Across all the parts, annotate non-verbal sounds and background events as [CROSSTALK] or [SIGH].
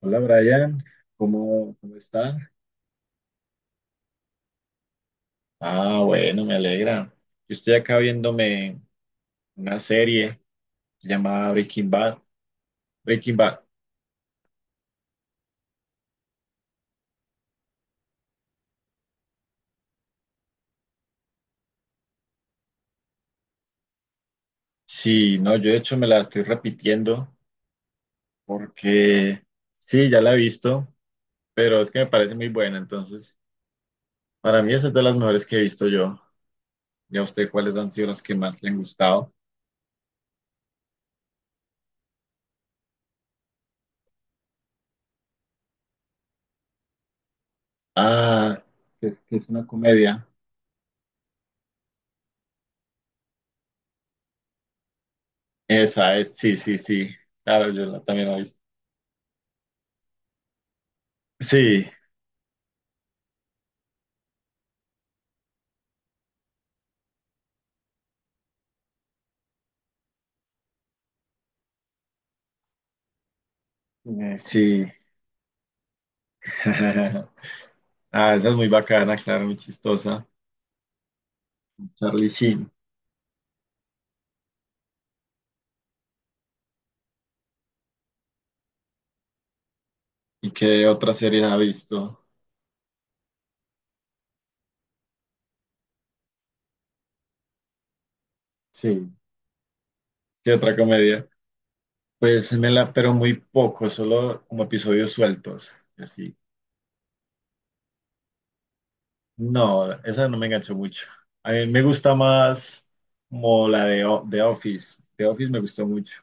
Hola Brian, ¿cómo está? Ah, bueno, me alegra. Yo estoy acá viéndome una serie llamada Breaking Bad. Breaking Bad. Sí, no, yo de hecho me la estoy repitiendo porque sí, ya la he visto, pero es que me parece muy buena. Entonces, para mí esa es de las mejores que he visto yo. ¿Y a usted cuáles han sido las que más le han gustado? Ah, que es una comedia. Esa es, sí, sí, sí. Claro, yo también la he visto. Sí, sí. [LAUGHS] Ah, esa es muy bacana, claro, muy chistosa. Charlie Sheen. ¿Y qué otra serie ha visto? Sí, ¿qué otra comedia? Pues me la, pero muy poco, solo como episodios sueltos, así. No, esa no me enganchó mucho. A mí me gusta más como la de The Office. The Office me gustó mucho.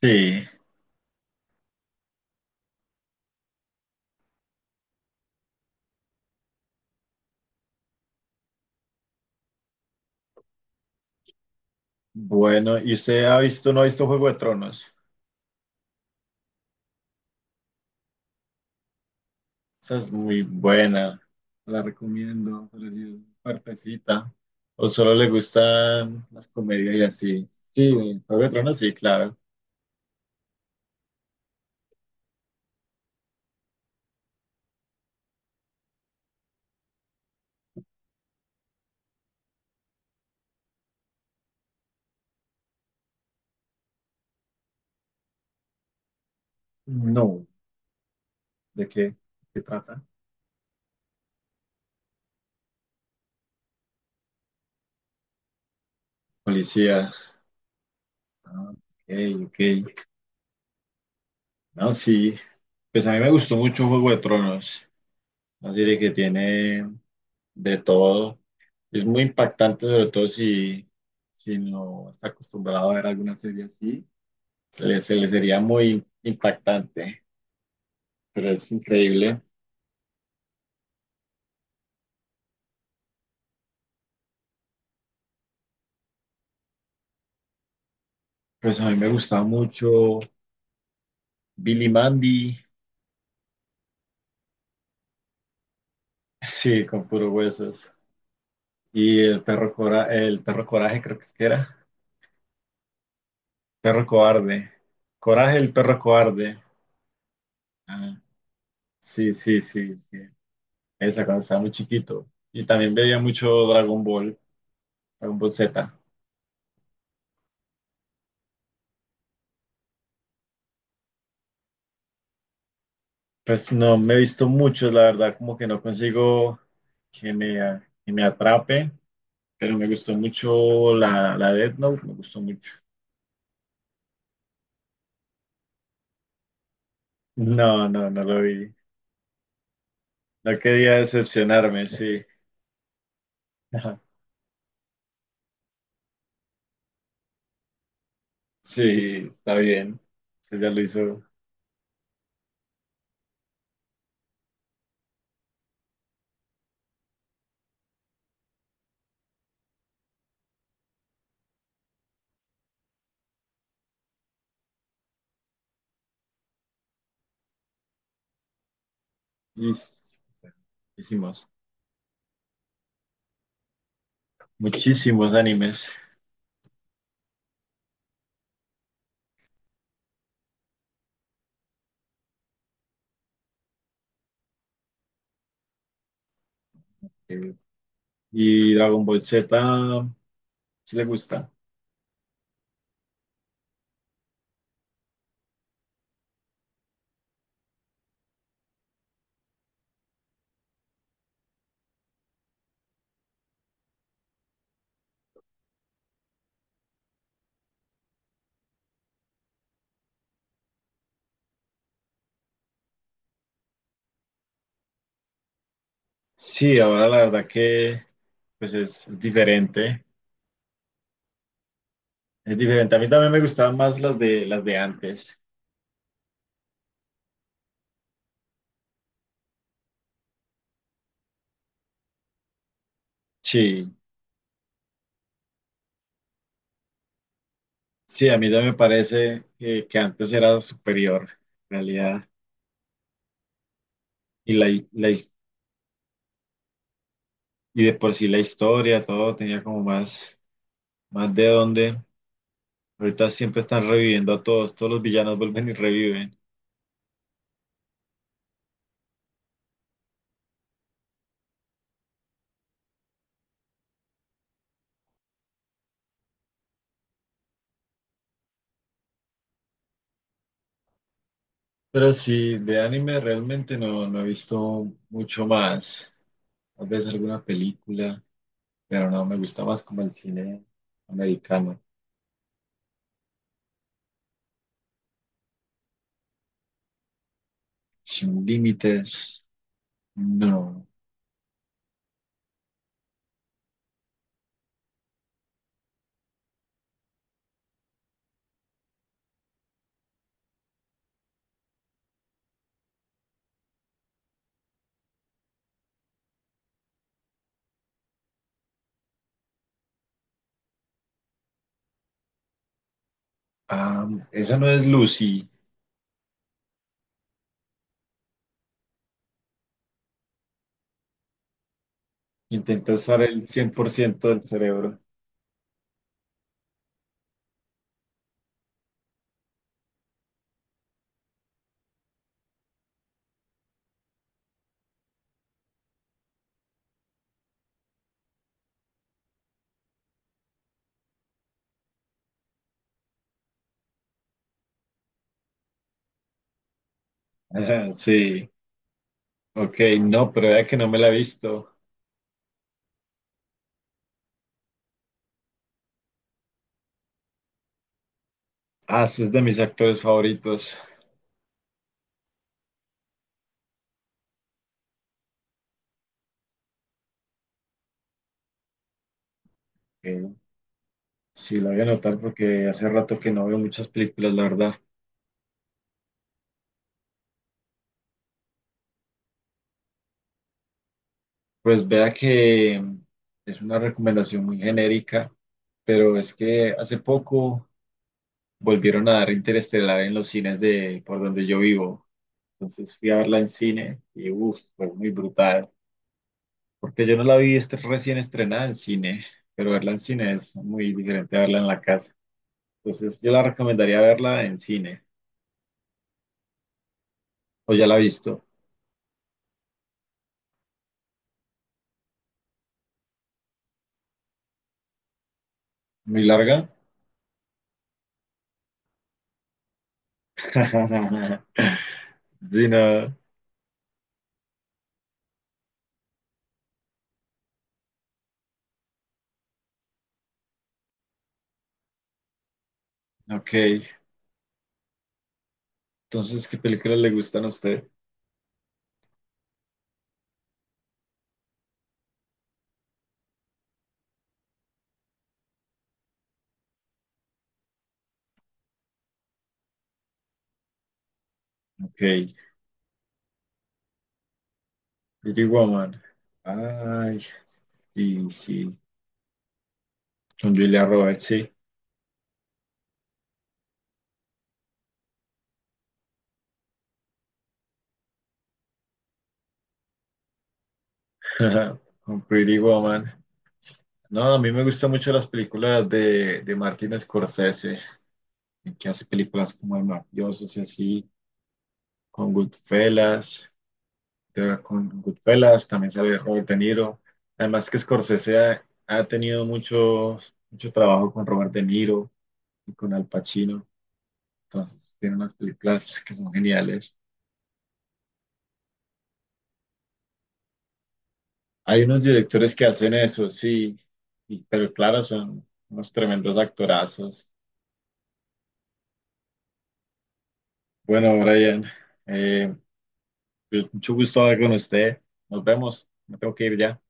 Sí, bueno, ¿y usted ha visto, no ha visto Juego de Tronos? Esa es muy buena, la recomiendo, pero si es partecita. ¿O solo le gustan las comedias y así? Sí, Juego de Tronos, sí, claro. No, ¿de qué? ¿De ¿qué trata? Policía. Ah, ok, ok. No, sí. Pues a mí me gustó mucho Juego de Tronos. Una serie que tiene de todo. Es muy impactante, sobre todo si, si no está acostumbrado a ver alguna serie así. Se le sería muy impactante. Pero es increíble. Pues a mí me gustaba mucho Billy Mandy, sí, con puros huesos. Y el perro, cora el perro coraje, creo que es que era. Perro cobarde. Coraje, el perro cobarde. Ah, sí, sí, sí, sí. Esa cuando estaba muy chiquito. Y también veía mucho Dragon Ball, Dragon Ball Z. Pues no me he visto mucho, la verdad, como que no consigo que me, que me atrape, pero me gustó mucho la, la Death Note, me gustó mucho. No, no, no lo vi. No quería decepcionarme, sí. [LAUGHS] Sí, está bien. Usted ya lo hizo. Y hicimos muchísimos animes. Eh, Y Dragon Ball Z, ¿si le gusta? Sí, ahora la verdad que pues es diferente. Es diferente. A mí también me gustaban más las de antes. Sí, sí, a mí también me parece que antes era superior, en realidad. Y la, la his- y de por sí la historia, todo tenía como más. Más de dónde. Ahorita siempre están reviviendo a todos. Todos los villanos vuelven y reviven. Pero sí, de anime realmente no, no he visto mucho más. Tal vez alguna película, pero no, me gusta más como el cine americano. Sin límites, no. Ah, esa no es Lucy. Intenta usar el cien por ciento del cerebro. [LAUGHS] Sí, ok, no, pero vea que no me la he visto. Ah, sí, es de mis actores favoritos. Ok. Sí, la voy a anotar porque hace rato que no veo muchas películas, la verdad. Pues vea que es una recomendación muy genérica, pero es que hace poco volvieron a dar Interestelar en los cines de por donde yo vivo. Entonces fui a verla en cine y uff, fue muy brutal. Porque yo no la vi recién estrenada en cine, pero verla en cine es muy diferente a verla en la casa. Entonces yo la recomendaría verla en cine. ¿O ya la ha visto? ¿Muy larga? [LAUGHS] Sí, no. Ok, entonces, ¿qué películas le gustan a usted? Ok, Pretty Woman. Ay, sí, sí. Con Julia Roberts, sí. [LAUGHS] Con Pretty Woman. No, a mí me gustan mucho las películas de Martin Scorsese, que hace películas como El Mafioso, y así, con Goodfellas. Con Goodfellas también sale Robert De Niro. Además que Scorsese ha, ha tenido mucho, mucho trabajo con Robert De Niro y con Al Pacino. Entonces, tiene unas películas que son geniales. Hay unos directores que hacen eso, sí, pero claro, son unos tremendos actorazos. Bueno, Brian, eh, pues, mucho gusto hablar con usted. Nos vemos. Me tengo que ir ya.